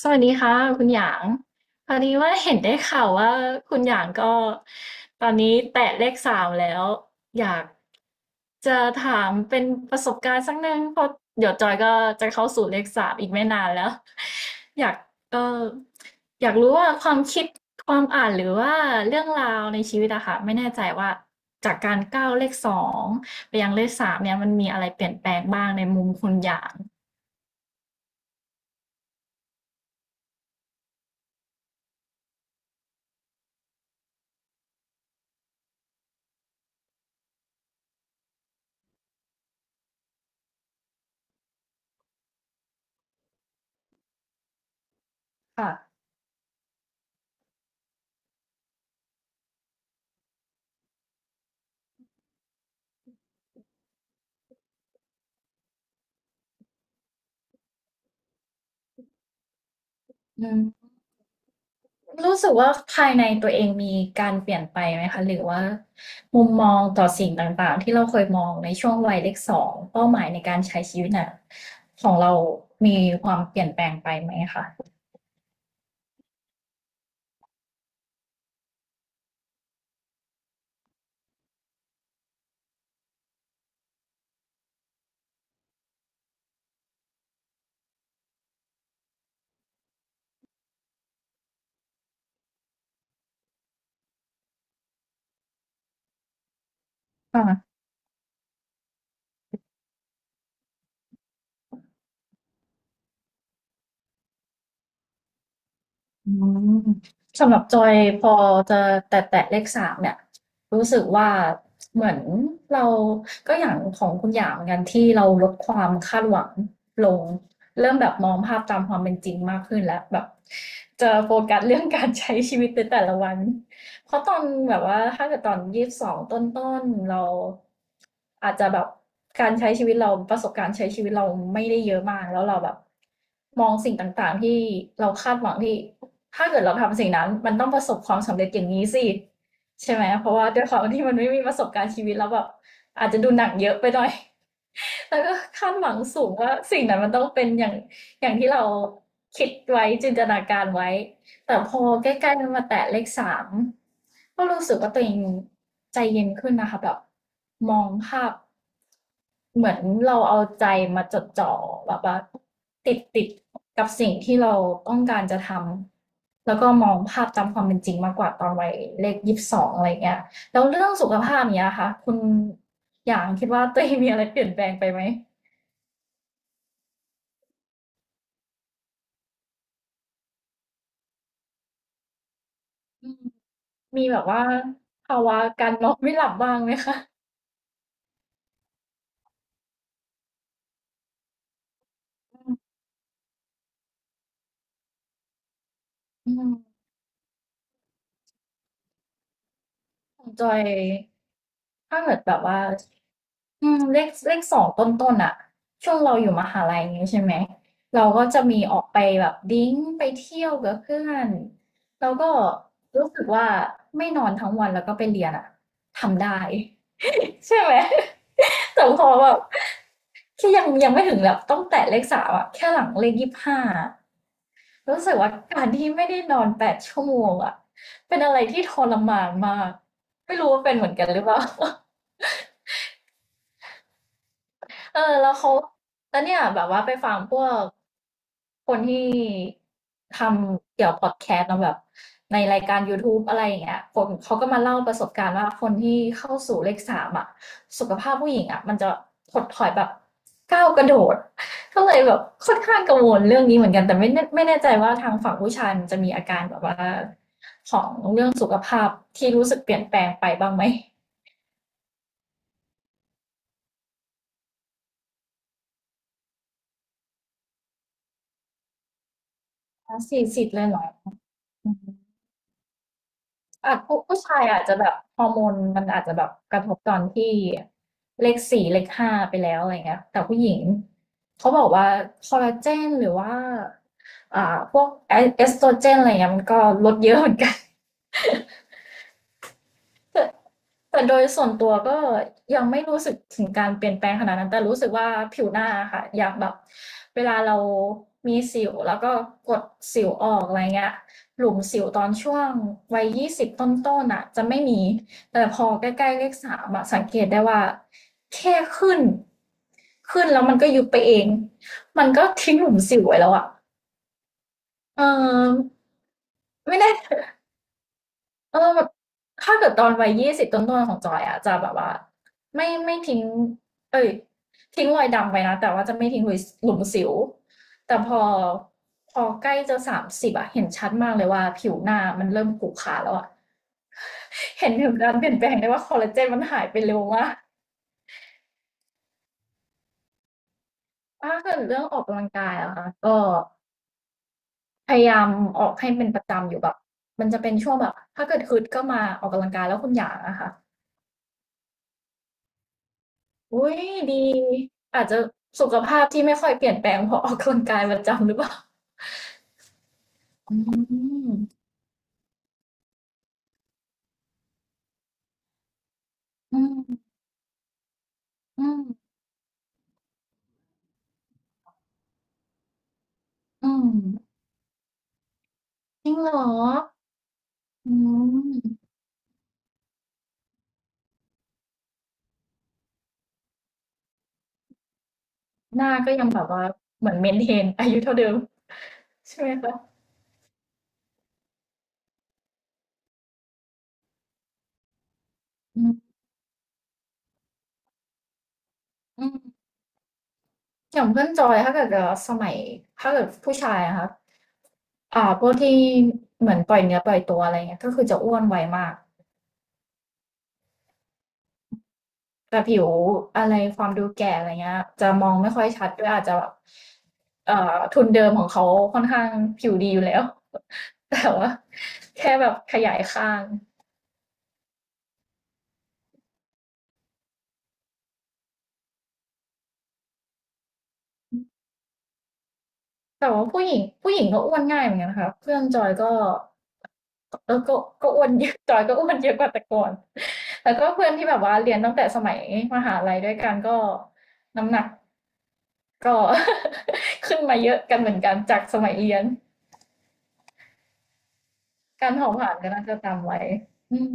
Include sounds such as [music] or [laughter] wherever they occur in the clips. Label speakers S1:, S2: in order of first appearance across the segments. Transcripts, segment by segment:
S1: สวัสดีค่ะคุณหยางพอดีว่าเห็นได้ข่าวว่าคุณหยางก็ตอนนี้แตะเลขสามแล้วอยากจะถามเป็นประสบการณ์สักนึงเพราะเดี๋ยวจอยก็จะเข้าสู่เลขสามอีกไม่นานแล้วอยากเอออยากรู้ว่าความคิดความอ่านหรือว่าเรื่องราวในชีวิตอะค่ะไม่แน่ใจว่าจากการก้าวเลขสองไปยังเลขสามเนี่ยมันมีอะไรเปลี่ยนแปลงบ้างในมุมคุณหยางค่ะอืม รู้สึกว่าภายในตัวเองมีการเปลี่ยนไปไหมคะหรือว่ามุมมองต่อสิ่งต่างๆที่เราเคยมองในช่วงวัยเลขสองเป้าหมายในการใช้ชีวิตน่ะของเรามีความเปลี่ยนแปลงไปไหมคะค่ะ อืมสำหรับจอยพอจะแตะเลขสามเนี่ยรู้สึกว่าเหมือนเราก็อย่างของคุณหยางเหมือนกันที่เราลดความคาดหวังลงเริ่มแบบมองภาพตามความเป็นจริงมากขึ้นแล้วแบบจะโฟกัสเรื่องการใช้ชีวิตในแต่ละวันเพราะตอนแบบว่าถ้าเกิดตอนยี่สิบสองต้นๆเราอาจจะแบบการใช้ชีวิตเราประสบการณ์ใช้ชีวิตเราไม่ได้เยอะมากแล้วเราแบบมองสิ่งต่างๆที่เราคาดหวังที่ ถ้าเกิดเราทำสิ่งนั้น มันต้องประสบความสำเร็จอย่างนี้สิใช่ไหมเพราะว่าด้วยความที่มันไม่มีประสบการณ์ชีวิตแล้วแบบอาจจะดูหนังเยอะไปหน่อย [laughs] แล้วก็คาดหวังสูงว่าสิ่งนั้นมันต้องเป็นอย่างอย่างที่เราคิดไว้จินตนาการไว้แต่พอใกล้ๆมันมาแตะเลขสามก็รู้สึกว่าตัวเองใจเย็นขึ้นนะคะแบบมองภาพ เหมือนเราเอาใจมาจดจ่อแบบว่าติดกับสิ่งที่เราต้องการจะทำแล้วก็มองภาพตามความเป็นจริงมากกว่าตอนวัยเลขยี่สิบสองอะไรเงี้ยแล้วเรื่องสุขภาพเนี้ยค่ะคุณอย่างคิดว่าตัวเองมีอะไรเปลี่ยนแปลงไปไหมอืมมีแบบว่าภาวะการนอนไม่หลับบ้างไหมคะอืมอืมของจอย ถ้าเกิดแบบว่าอืมเลขเลขสองต้นๆอ่ะช่วงเราอยู่มหาลัยอย่างงี้ใช่ไหมเราก็จะมีออกไปแบบดริงก์ไปเที่ยวกับเพื่อนแล้วก็รู้สึกว่าไม่นอนทั้งวันแล้วก็ไปเรียนอะทำได้ใช่ไหม [laughs] แต่พอแบบที่ยังไม่ถึงแบบต้องแตะเลขสามอะแค่หลังเลข25อะรู้สึกว่าการที่ไม่ได้นอน8ชั่วโมงอะเป็นอะไรที่ทรมานมากไม่รู้ว่าเป็นเหมือนกันหรือเปล่า เออแล้วเขาแล้วเนี่ยแบบว่าไปฟังพวกคนที่ทำเกี่ยวพอดแคสต์เนอะแบบในรายการ YouTube อะไรอย่างเงี้ยคนเขาก็มาเล่าประสบการณ์ว่าคนที่เข้าสู่เลขสามอ่ะสุขภาพผู้หญิงอ่ะมันจะถดถอยแบบก้าวกระโดดก็เลยแบบค่อนข้างกังวลเรื่องนี้เหมือนกันแต่ไม่แน่ไม่แน่ใจว่าทางฝั่งผู้ชายมันจะมีอาการแบบว่าของเรื่องสุขภาพที่รู้สึกเปลี่ยนแปลงไปบ้างไหม40เลยเหรอ อ่ะผู้ผู้ชายอาจจะแบบฮอร์โมนมันอาจจะแบบกระทบตอนที่เลขสี่เลขห้าไปแล้วอะไรเงี้ยแต่ผู้หญิงเขาบอกว่าคอลลาเจนหรือว่าพวกเอสโตรเจนอะไรเงี้ยมันก็ลดเยอะเหมือนกัน [laughs] แต่แต่โดยส่วนตัวก็ยังไม่รู้สึกถึงการเปลี่ยนแปลงขนาดนั้นแต่รู้สึกว่าผิวหน้าอะค่ะอย่างแบบเวลาเรามีสิวแล้วก็กดสิวออกอะไรเงี้ยหลุมสิวตอนช่วงวัยยี่สิบต้นๆอ่ะจะไม่มีแต่พอใกล้ๆเลขสามอะสังเกตได้ว่าแค่ขึ้นขึ้นแล้วมันก็ยุบไปเองมันก็ทิ้งหลุมสิวไว้แล้วอ่ะเออไม่แน่ใจ เออแบบถ้าเกิดตอนวัยยี่สิบต้นๆของจอยอะจะแบบว่าไม่ทิ้งเอ้ยทิ้งรอยดำไปนะแต่ว่าจะไม่ทิ้งหลุมสิวแต่พอใกล้จะ30อะเห็นชัดมากเลยว่าผิวหน้ามันเริ่มขรุขระแล้วอะ [laughs] เห็นถึงการเปลี่ยนแปลงได้ว่าคอลลาเจนมันหายไปเร็วมากถ้าเกิดเรื่องออกกำลังกายอะค่ะก็พยายามออกให้เป็นประจำอยู่แบบมันจะเป็นช่วงแบบถ้าเกิดฮึดก็มาออกกำลังกายแล้วคุณหยางอะค่ะ อุ๊ยดีอาจจะสุขภาพที่ไม่ค่อยเปลี่ยนแปลงเพราะออกกำลังกายประจำหรือเปล่าอืมอืมอืมอืมจริงเหรออืมหน้าก็ยังแบบว่าเหมือนเมนเทนอายุเท่าเดิมใช่ไหมคะอืมอืมอย่างเพื่อนจอยถ้าเกิดจะสมัยถ้าเกิดผู้ชายอะค่ะพวกที่เหมือนปล่อยเนื้อปล่อยตัวอะไรเงี้ยก็คือจะอ้วนไวมาก แต่ผิวอะไรความดูแก่อะไรเงี้ยจะมองไม่ค่อยชัดด้วยอาจจะแบบเอ่อทุนเดิมของเขาค่อนข้างผิวดีอยู่แล้ว [laughs] แต่ว่าแค่แบบขยายข้างแต่ว่าผู้หญิงผู้หญิงก็อ้วนง่ายเหมือนกันนะคะเพื่อนจอยก็เออก็อ้วนเยอะ [laughs] จอยก็อ้วนเยอะกว่าแต่ก่อนแล้วก็เพื่อนที่แบบว่าเรียนตั้งแต่สมัยมหาลัยด้วยกันก็น้ำหนักก็ [laughs] ขึ้นมาเยอะกันเหมือนกันจากสมัยเรียนการเผาผลาญก็น่าจะตามไว้อืม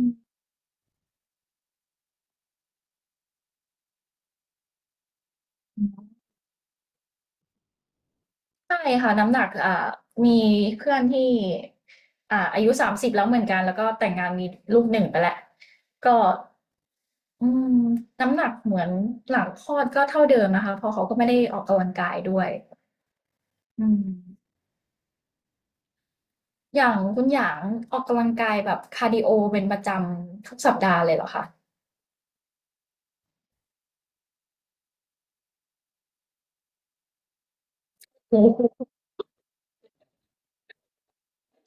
S1: ใช่ค่ะน้ำหนักมีเพื่อนที่อายุ30แล้วเหมือนกันแล้วก็แต่งงานมีลูก1ไปแล้วก็อืมน้ำหนักเหมือนหลังคลอดก็เท่าเดิมนะคะเพราะเขาก็ไม่ได้ออกกำลังกายด้วยอืมอย่างคุณหยางออกกำลังกายแบบคาร์ดิโอเป็นประจำทุกสัปดาห์เลยเหรอคะโอ้โห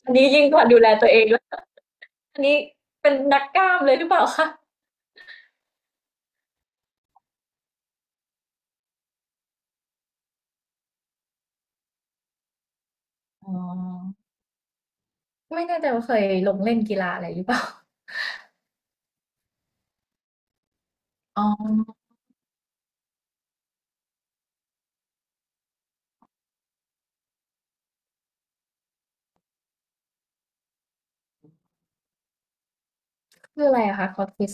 S1: อันนี้ยิ่งกว่าดูแลตัวเองแล้วอันนี้เป็นนักกล้ามเลยหรือเปล่าคะอ๋อไม่แน่ใจว่าเคยลงเล่นกีฬาอะไรหรือเปล่าอ๋อ คืออะไรอะคะคอร์สฟิส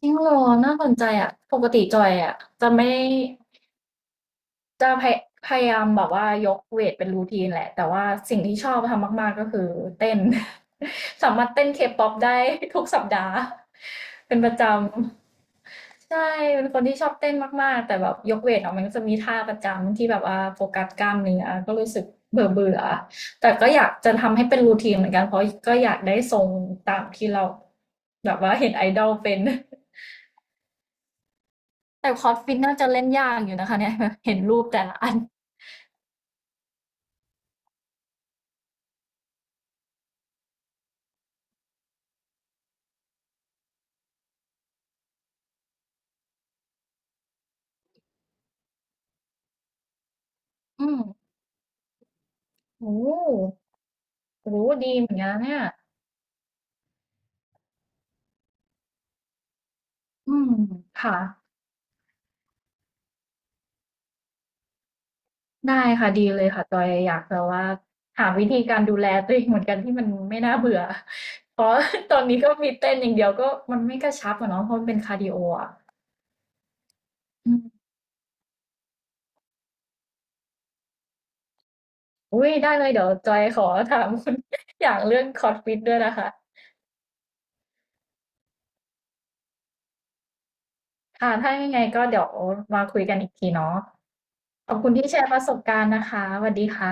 S1: จริงเหรอน่าสนใจอะปกติจอยอะจะไม่ จะพยายามแบบว่ายกเวทเป็นรูทีนแหละแต่ว่าสิ่งที่ชอบทำมากๆก็คือเต้น [laughs] สามารถเต้นเคป๊อปได้ [laughs] ทุกสัปดาห์ [laughs] เป็นประจำใช่เป็นคนที่ชอบเต้นมากๆแต่แบบยกเวทอ่ะมันก็จะมีท่าประจำที่แบบว่าโฟกัสกล้ามเนื้อก็รู้สึกเบื่อเบื่อแต่ก็อยากจะทำให้เป็นรูทีนเหมือนกันเพราะก็อยากได้ทรงตามที่เราแบบว่าเห็นไอดอลเป็นแต่คอร์สฟิตน่าจะเล่นยากอยู่นะคะเนี่ย [laughs] เห็นรูปแต่ละอันอืม โอ้โหดีเหมือนกันนะเนี่ยอืมค่ะ ได้ค่ะ ดีเลยค่ะจอยอยากจะว่าหาวิธีการดูแลตัวเองเหมือนกันที่มันไม่น่าเบื่อ เพราะตอนนี้ก็มีเต้นอย่างเดียวก็มันไม่กระชับอะเนาะเพราะมันเป็นคาร์ดิโออ่ะอืมอุ้ยได้เลยเดี๋ยวจอยขอถามคุณ [laughs] อย่างเรื่องคอร์สฟิตด้วยนะคะค่ะถ้ายังไงก็เดี๋ยวมาคุยกันอีกทีเนาะขอบคุณที่แชร์ประสบการณ์นะคะสวัสดีค่ะ